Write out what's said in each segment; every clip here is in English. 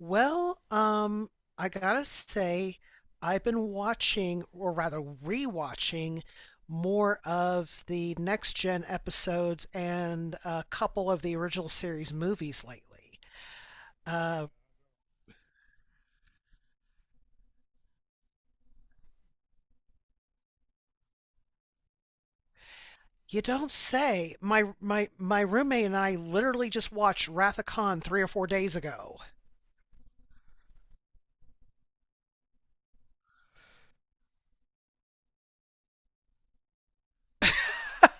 Well, um, I gotta say, I've been watching, or rather rewatching, more of the next gen episodes and a couple of the original series movies lately. Uh, you don't say. My roommate and I literally just watched Wrath of Khan 3 or 4 days ago.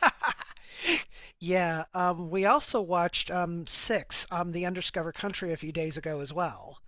Yeah, we also watched Six, The Undiscovered Country, a few days ago as well.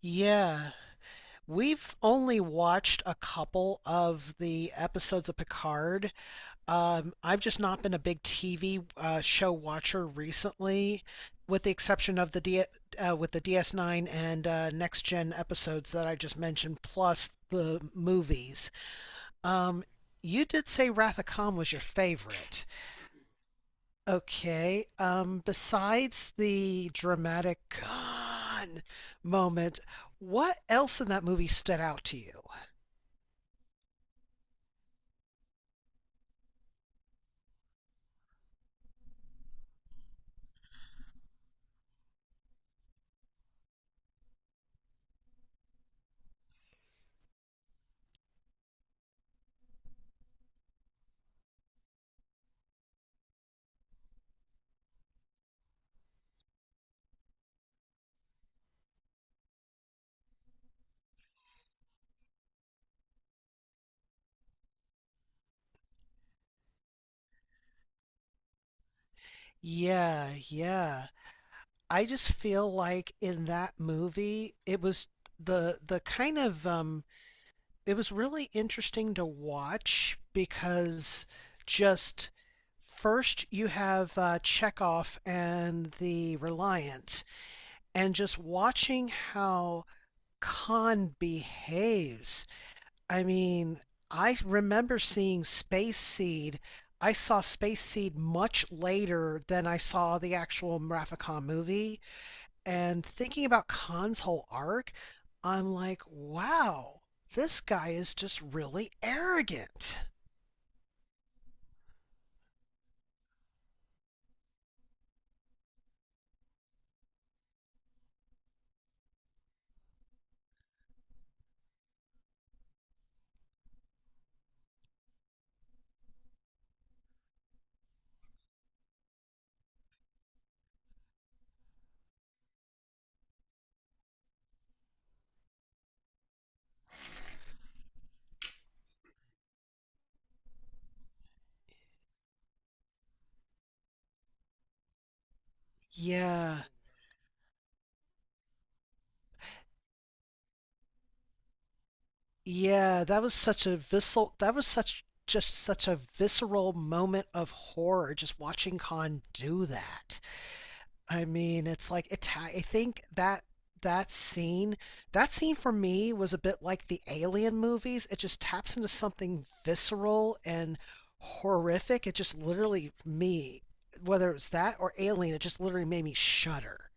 Yeah. We've only watched a couple of the episodes of Picard. I've just not been a big TV show watcher recently, with the exception of with the DS9 and Next Gen episodes that I just mentioned, plus the movies. Um, you did say Wrath of Khan was your favorite. Okay. Besides the dramatic Khan moment, what else in that movie stood out to you? Yeah, yeah. I just feel like in that movie, it was the kind of, it was really interesting to watch because just first you have Chekhov and the Reliant, and just watching how Khan behaves. I mean, I remember seeing Space Seed. I saw Space Seed much later than I saw the actual Mraficon movie. And thinking about Khan's whole arc, I'm like, wow, this guy is just really arrogant. Yeah, yeah, that was such just such a visceral moment of horror just watching Khan do that. I mean, it's like, I think that that scene, that scene for me was a bit like the Alien movies. It just taps into something visceral and horrific. It just literally me, Whether it was that or Alien, it just literally made me shudder.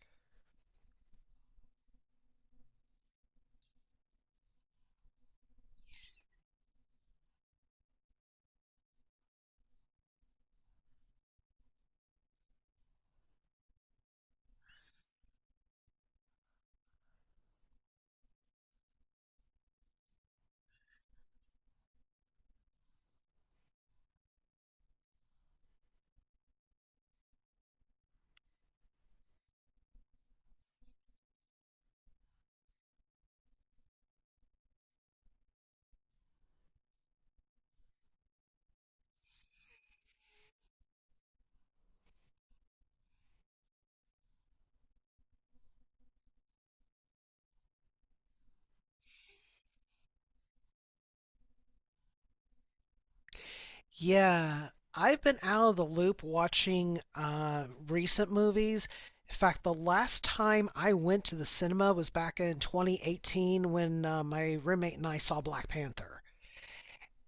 Yeah, I've been out of the loop watching recent movies. In fact, the last time I went to the cinema was back in 2018 when my roommate and I saw Black Panther.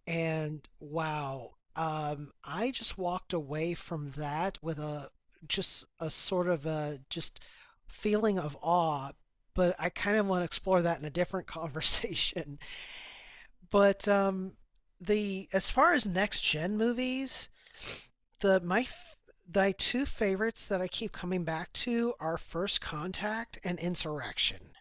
And wow, I just walked away from that with a just a sort of a just feeling of awe, but I kind of want to explore that in a different conversation. But the as far as next gen movies, the my two favorites that I keep coming back to are First Contact and Insurrection.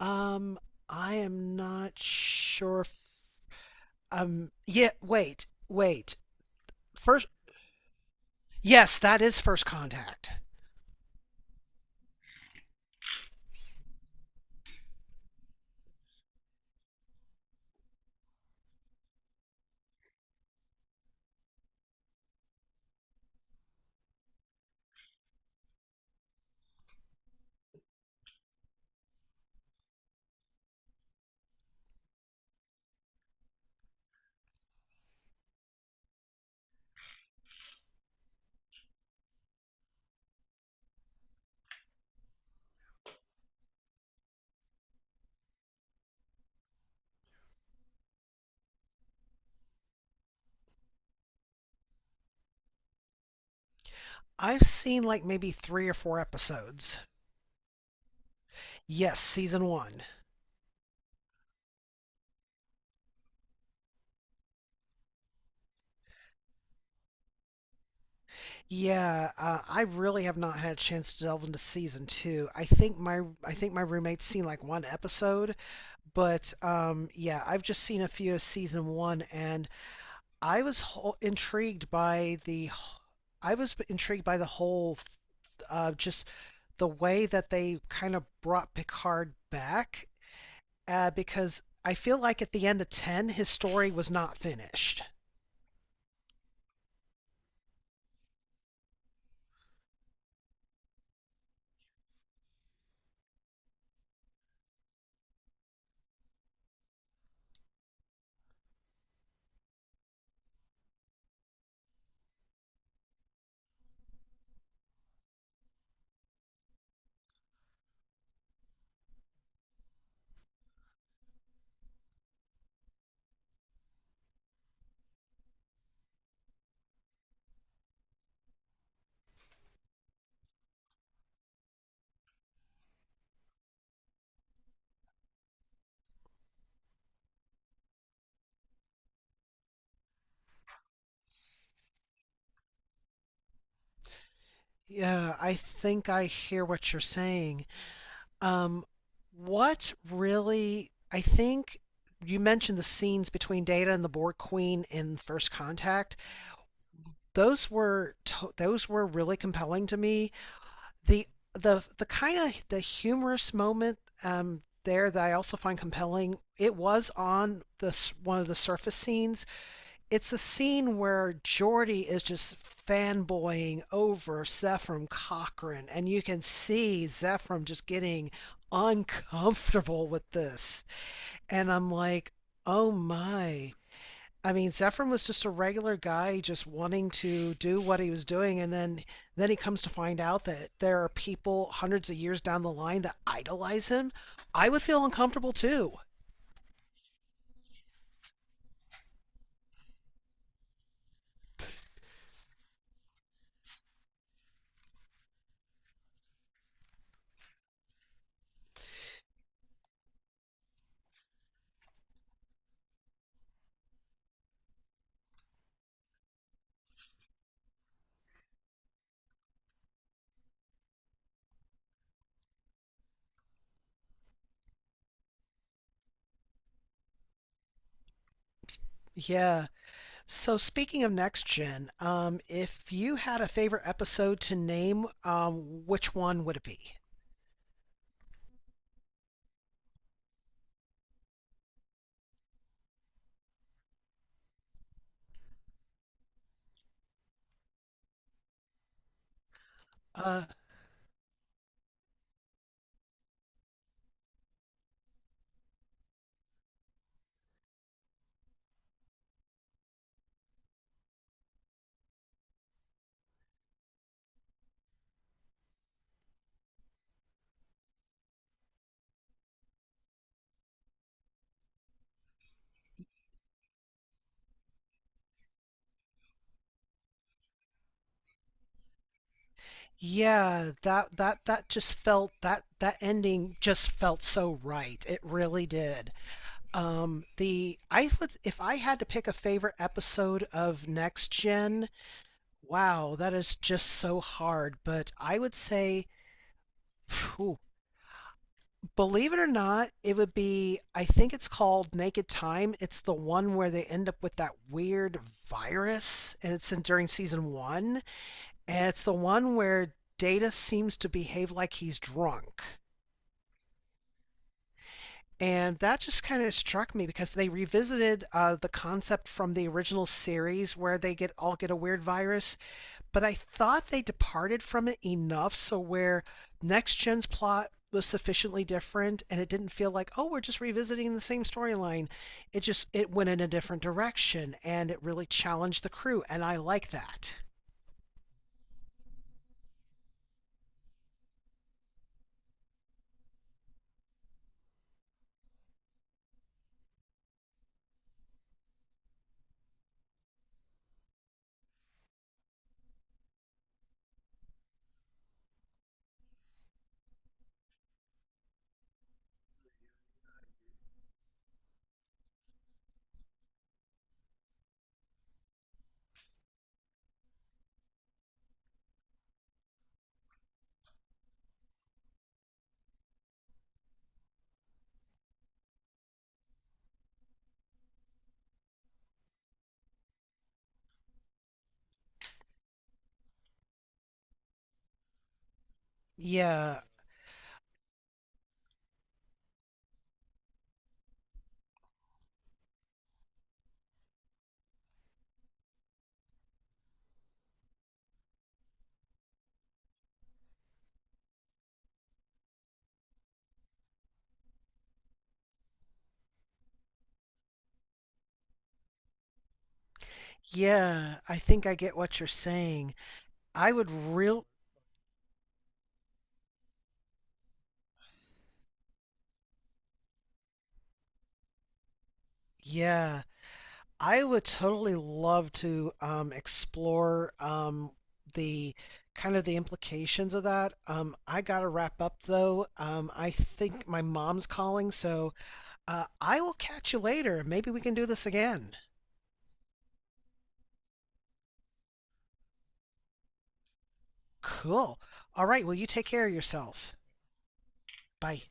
Um, I am not sure if, yeah, wait, wait. First, yes, that is First Contact. I've seen like maybe three or four episodes. Yes, season one. Yeah, I really have not had a chance to delve into season two. I think my roommate's seen like one episode, but yeah, I've just seen a few of season one, and I was ho- intrigued by the I was intrigued by the whole, just the way that they kind of brought Picard back, because I feel like at the end of 10, his story was not finished. Yeah, I think I hear what you're saying. Um, what really, I think you mentioned the scenes between Data and the Borg Queen in First Contact. Those were really compelling to me. The the the kind of the humorous moment there, that I also find compelling. It was on this one of the surface scenes. It's a scene where Geordie is just fanboying over Zephram Cochrane, and you can see Zephram just getting uncomfortable with this. And I'm like, oh my, I mean, Zephyrin was just a regular guy just wanting to do what he was doing, and then he comes to find out that there are people hundreds of years down the line that idolize him. I would feel uncomfortable too. Yeah. So speaking of next gen, if you had a favorite episode to name, which one would it be? Uh, yeah, that ending just felt so right. It really did. The I would, if I had to pick a favorite episode of Next Gen, wow, that is just so hard. But I would say, phew, believe it or not, it would be. I think it's called Naked Time. It's the one where they end up with that weird virus, and it's in during season one. And it's the one where Data seems to behave like he's drunk. And that just kind of struck me because they revisited the concept from the original series where they get all get a weird virus, but I thought they departed from it enough so where next gen's plot was sufficiently different and it didn't feel like, oh, we're just revisiting the same storyline. It went in a different direction and it really challenged the crew, and I like that. Yeah, yeah, I think I get what you're saying. I would real Yeah, I would totally love to explore, the kind of the implications of that. I gotta wrap up though. I think my mom's calling, so I will catch you later. Maybe we can do this again. Cool. All right. Well, you take care of yourself. Bye.